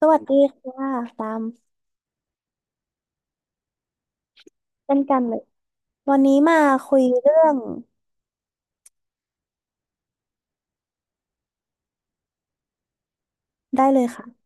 สวัสดีค่ะตามเช่นกันเลยวันนี้มาคุยเรื่องได้เลยค่ะ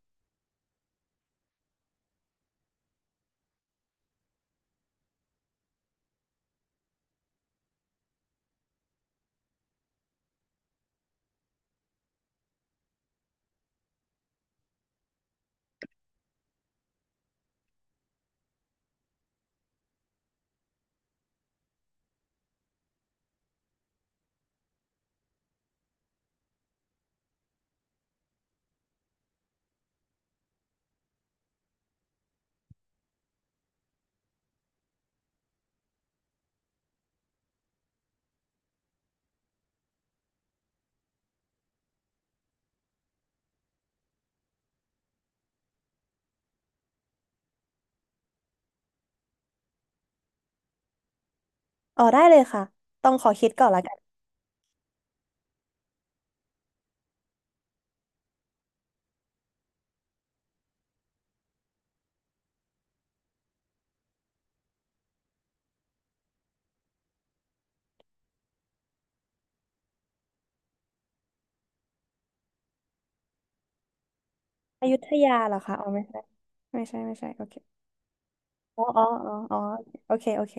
อ๋อได้เลยค่ะต้องขอคิดก่อนละกันอยุธยาเหรอคะอ๋อไม่ใช่ไม่ใช่ไม่ใช่ โอเคอ๋ออ๋ออ๋ออ๋อโอเคโอเค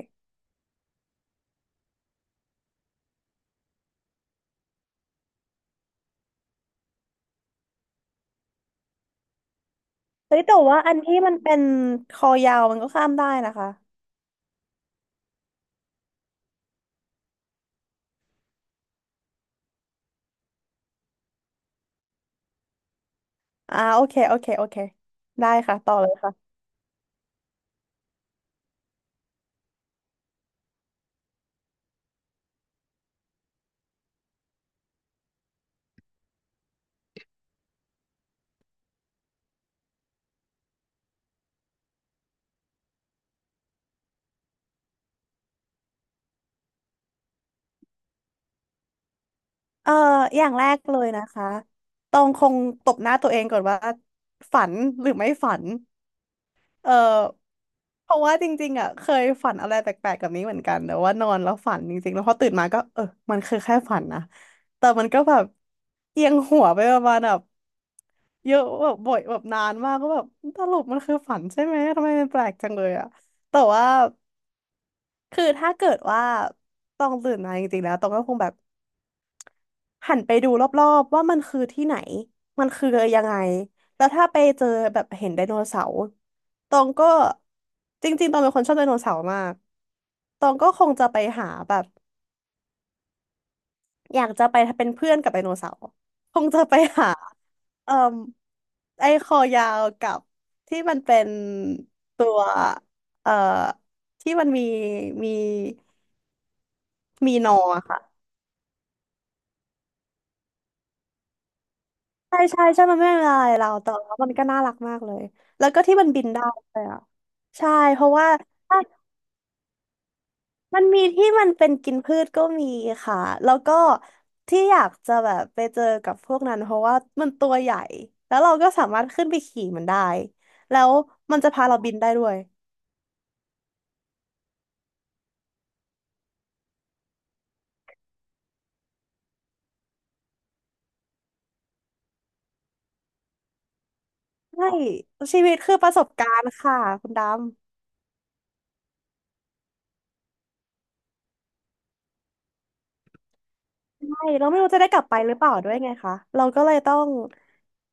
เฮ้ยแต่ว่าอันที่มันเป็นคอยาวมันก็ข้ามได้นะคะอ่าโอเคโอเคโอเคได้ค่ะต่อเลยค่ะเอ่ออย่างแรกเลยนะคะต้องคงตบหน้าตัวเองก่อนว่าฝันหรือไม่ฝัน เออเพราะว่าจริงๆอ่ะเคยฝันอะไรแปลกๆแบบนี้เหมือนกันแต่ว่านอนแล้วฝันจริงๆแล้วพอตื่นมาก็เออมันคือแค่ฝันนะแต่มันก็แบบเอียงหัวไปประมาณแบบเยอะแบบบ่อยแบบนานมากก็แบบสรุปมันคือฝันใช่ไหมทำไมมันแปลกจังเลยอ่ะแต่ว่าคือถ้าเกิดว่าต้องตื่นมาจริงๆแล้วต้องก็คงแบบ หันไปดูรอบๆว่ามันคือที่ไหนมันคือยังไงแล้วถ้าไปเจอแบบเห็นไดโนเสาร์ตองก็จริงๆตองเป็นคนชอบไดโนเสาร์มากตองก็คงจะไปหาแบบอยากจะไปเป็นเพื่อนกับไดโนเสาร์คงจะไปหาเอ่อไอ้คอยาวกับที่มันเป็นตัวเอ่อที่มันมีมีมีนอค่ะ ใช่ใช่ใช่มันไม่เป็นอะไรเราแต่ว่ามันก็น่ารักมากเลยแล้วก็ที่มันบินได้เลยอ่ะใช่เพราะว่าถ้ามันมีที่มันเป็นกินพืชก็มีค่ะแล้วก็ที่อยากจะแบบไปเจอกับพวกนั้นเพราะว่ามันตัวใหญ่แล้วเราก็สามารถขึ้นไปขี่มันได้แล้วมันจะพาเราบินได้ด้วยใช่ชีวิตคือประสบการณ์ค่ะคุณดำใช่เราไม่รู้จะได้กลับไปหรือเปล่าด้วยไงคะเราก็เลยต้อง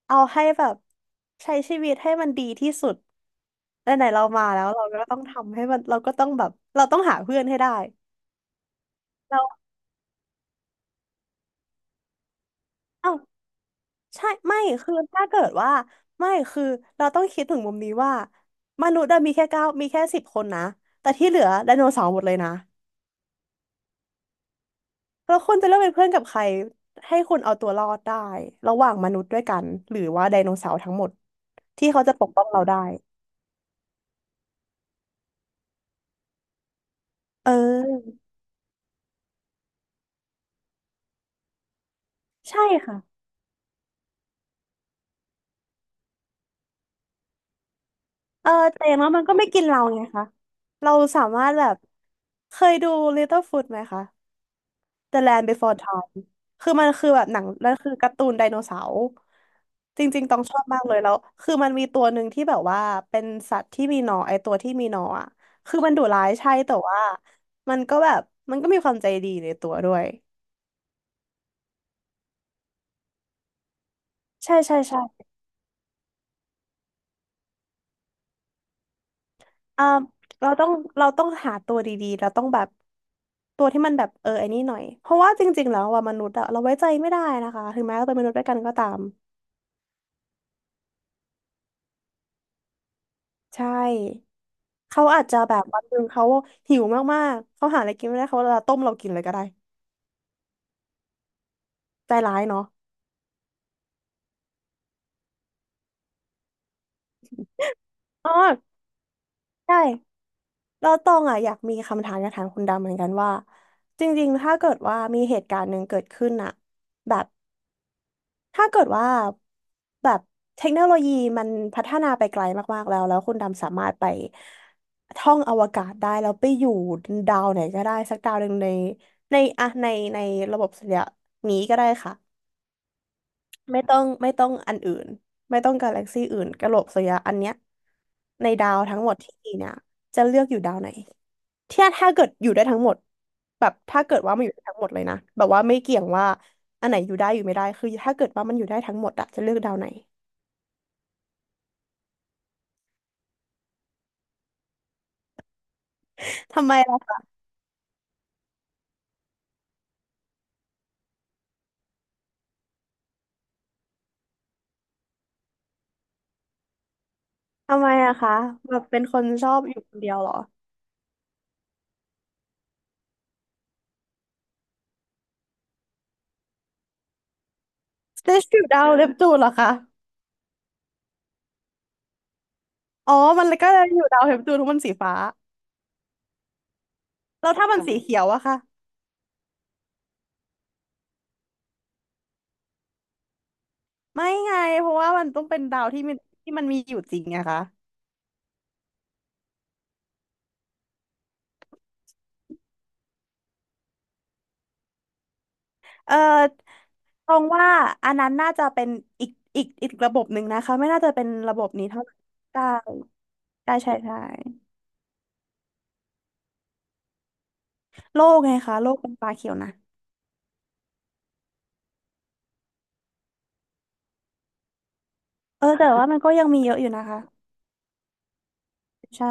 เอาให้แบบใช้ชีวิตให้มันดีที่สุด ไหนๆเรามาแล้วเราก็ต้องทำให้มันเราก็ต้องแบบเราต้องหาเพื่อนให้ได้เราเอ้าใช่ไม่คือถ้าเกิดว่าไม่คือเราต้องคิดถึงมุมนี้ว่ามนุษย์อะมีแค่9มีแค่10 คนนะแต่ที่เหลือไดโนเสาร์หมดเลยนะแล้วคุณจะเลือกเป็นเพื่อนกับใครให้คุณเอาตัวรอดได้ระหว่างมนุษย์ด้วยกันหรือว่าไดโนเสาร์ทั้งหมดที่เขาจะปกป้องเราได้เออใช่ค่ะเออแต่อย่างน้อยมันก็ไม่กินเราไงคะเราสามารถแบบเคยดู l ตเต l e f ฟ o d ไหมคะ The Land Before Time คือมันคือแบบหนังแล้วคือการ์ตูนไดโนเสาร์จริงๆต้องชอบมากเลยแล้ว คือมันมีตัวหนึ่งที่แบบว่าเป็นสัตว์ที่มีหนอนไอตัวที่มีหนอนอ่ะคือมันดุร้ายใช่แต่ว่ามันก็แบบมันก็มีความใจดีในตัวด้วย ใช่ใช่ใช่อ่าเราต้องหาตัวดีๆเราต้องแบบตัวที่มันแบบเออไอ้นี่หน่อย เพราะว่าจริงๆแล้วว่ามนุษย์อะเราไว้ใจไม่ได้นะคะถึงแม้เราเป็นมนุษย์ด้วยกันก็ตามใช่ เขาอาจจะแบบวันหนึ่งเขาหิวมากๆ เขาหาอะไรกินไม่ได้เขาจะต้มเรากินเลยก็ได้ ใจร้ายเนาะอ๋อใช่แล้วตองอ่ะอยากมีคำถามอยากถามคุณดำเหมือนกันว่า จริงๆ ถ้าเกิดว่ามีเหตุการณ์หนึ่งเกิดขึ้นอะแบบถ้าเกิดว่าแบบเทคโนโลยีมันพัฒนาไปไกลมากๆ แล้วแล้วคุณดำสามารถไปท่องอวกาศได้แล้วไปอยู่ดาวไหนก็ได้สักดาวหนึ่งในอะในในระบบสุริยะนี้ก็ได้ค่ะ ไม่ต้องไม่ต้องอันอื่นไม่ต้องกาแล็กซี่อื่นกะโหลกสุริยะอันเนี้ยในดาวทั้งหมดที่มีเนี่ยจะเลือกอยู่ดาวไหนที่ถ้าเกิดอยู่ได้ทั้งหมดแบบถ้าเกิดว่ามันอยู่ได้ทั้งหมดเลยนะแบบว่าไม่เกี่ยงว่าอันไหนอยู่ได้อยู่ไม่ได้คือถ้าเกิดว่ามันอยู่ได้ทั้งหมดอะจะเลือกดาวไหนทำไมล่ะทำไมอะคะแบบเป็นคนชอบอยู่คนเดียวเหรอสเตชอยู่ดาว เนปจูนเหรอคะอ๋อมันก็อยู่ดาวเนปจูนเพราะมันสีฟ้าแล้วถ้ามันสีเขียวอะคะไม่ไงเพราะว่ามันต้องเป็นดาวที่มันมีอยู่จริงไงคะ เออตรงว่าอันนั้นน่าจะเป็นอีกอีกระบบหนึ่งนะคะไม่น่าจะเป็นระบบนี้เท่าไหร่ได้ได้ใช่ใช่โลกไงคะโลกเป็นปลาเขียวนะเออแต่ว่ามันก็ยังมีเยอะอยู่นะคะใช่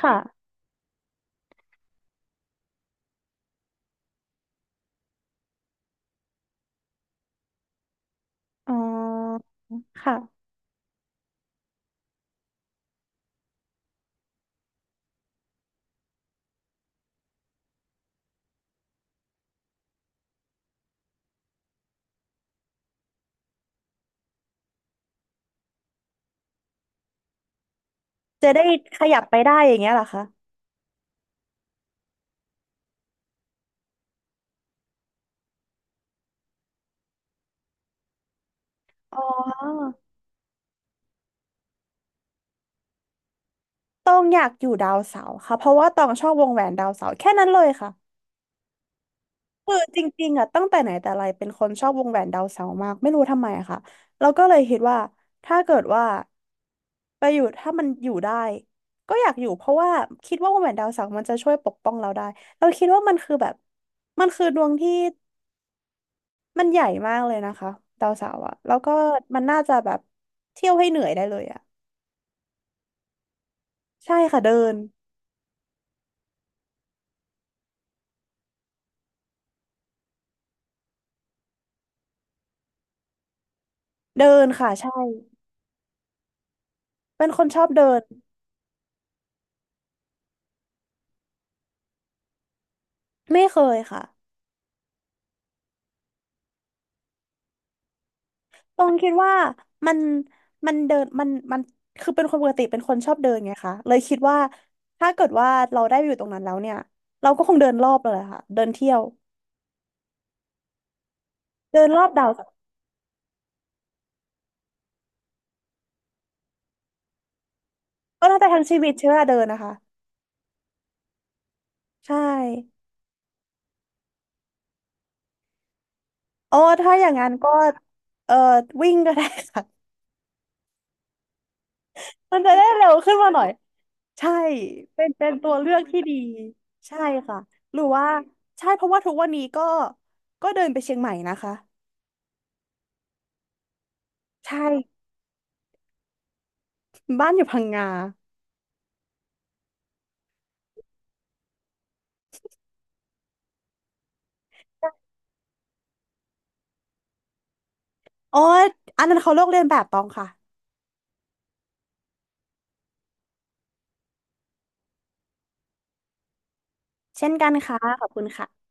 ค่ะอ๋อค่ะจะได้ขยับไปได้อย่างเงี้ยเหรอคะอ๋อต้องอยากอยู่ดาวเสาร์ค่ะเพราะว่าต้องชอบวงแหวนดาวเสาร์แค่นั้นเลยค่ะ คือจริงๆอ่ะตั้งแต่ไหนแต่ไรเป็นคนชอบวงแหวนดาวเสาร์มากไม่รู้ทำไมอะค่ะเราวก็เลยคิดว่าถ้าเกิดว่าไปอยู่ถ้ามันอยู่ได้ก็อยากอยู่เพราะว่าคิดว่าวงแหวนดาวเสาร์มันจะช่วยปกป้องเราได้เราคิดว่ามันคือแบบมันคือดวงที่มันใหญ่มากเลยนะคะดาวเสาร์อ่ะแล้วก็มันน่าจะแบบเที่ยวให้เหนื่อยได้เลยอ่ะใช่ค่ะเดินเดินค่ะใช่เป็นคนชอบเดินไม่เคยค่ะ ตรงคิดว่ามันเดินมันคือเป็นคนปกติเป็นคนชอบเดินไงคะเลยคิดว่าถ้าเกิดว่าเราได้ไปอยู่ตรงนั้นแล้วเนี่ยเราก็คงเดินรอบเลยค่ะเดินเที่ยวเดินรอบดาวก็น่าจะทั้งชีวิตใช้เวลาเดินนะคะใช่อ๋อถ้าอย่างนั้นก็เอ่อวิ่งก็ได้ค่ะ มันจะได้เร็วขึ้นมาหน่อยใช่เป็นตัวเลือกที่ดีใช่ค่ะหรือว่าใช่เพราะว่าทุกวันนี้ก็เดินไปเชียงใหม่นะคะใช่บ้านอยู่พังงา โอ้อันนั้นเขาเลือกเรียนแบบตองค่ะ เช่นกันค่ะขอบคุณค่ะ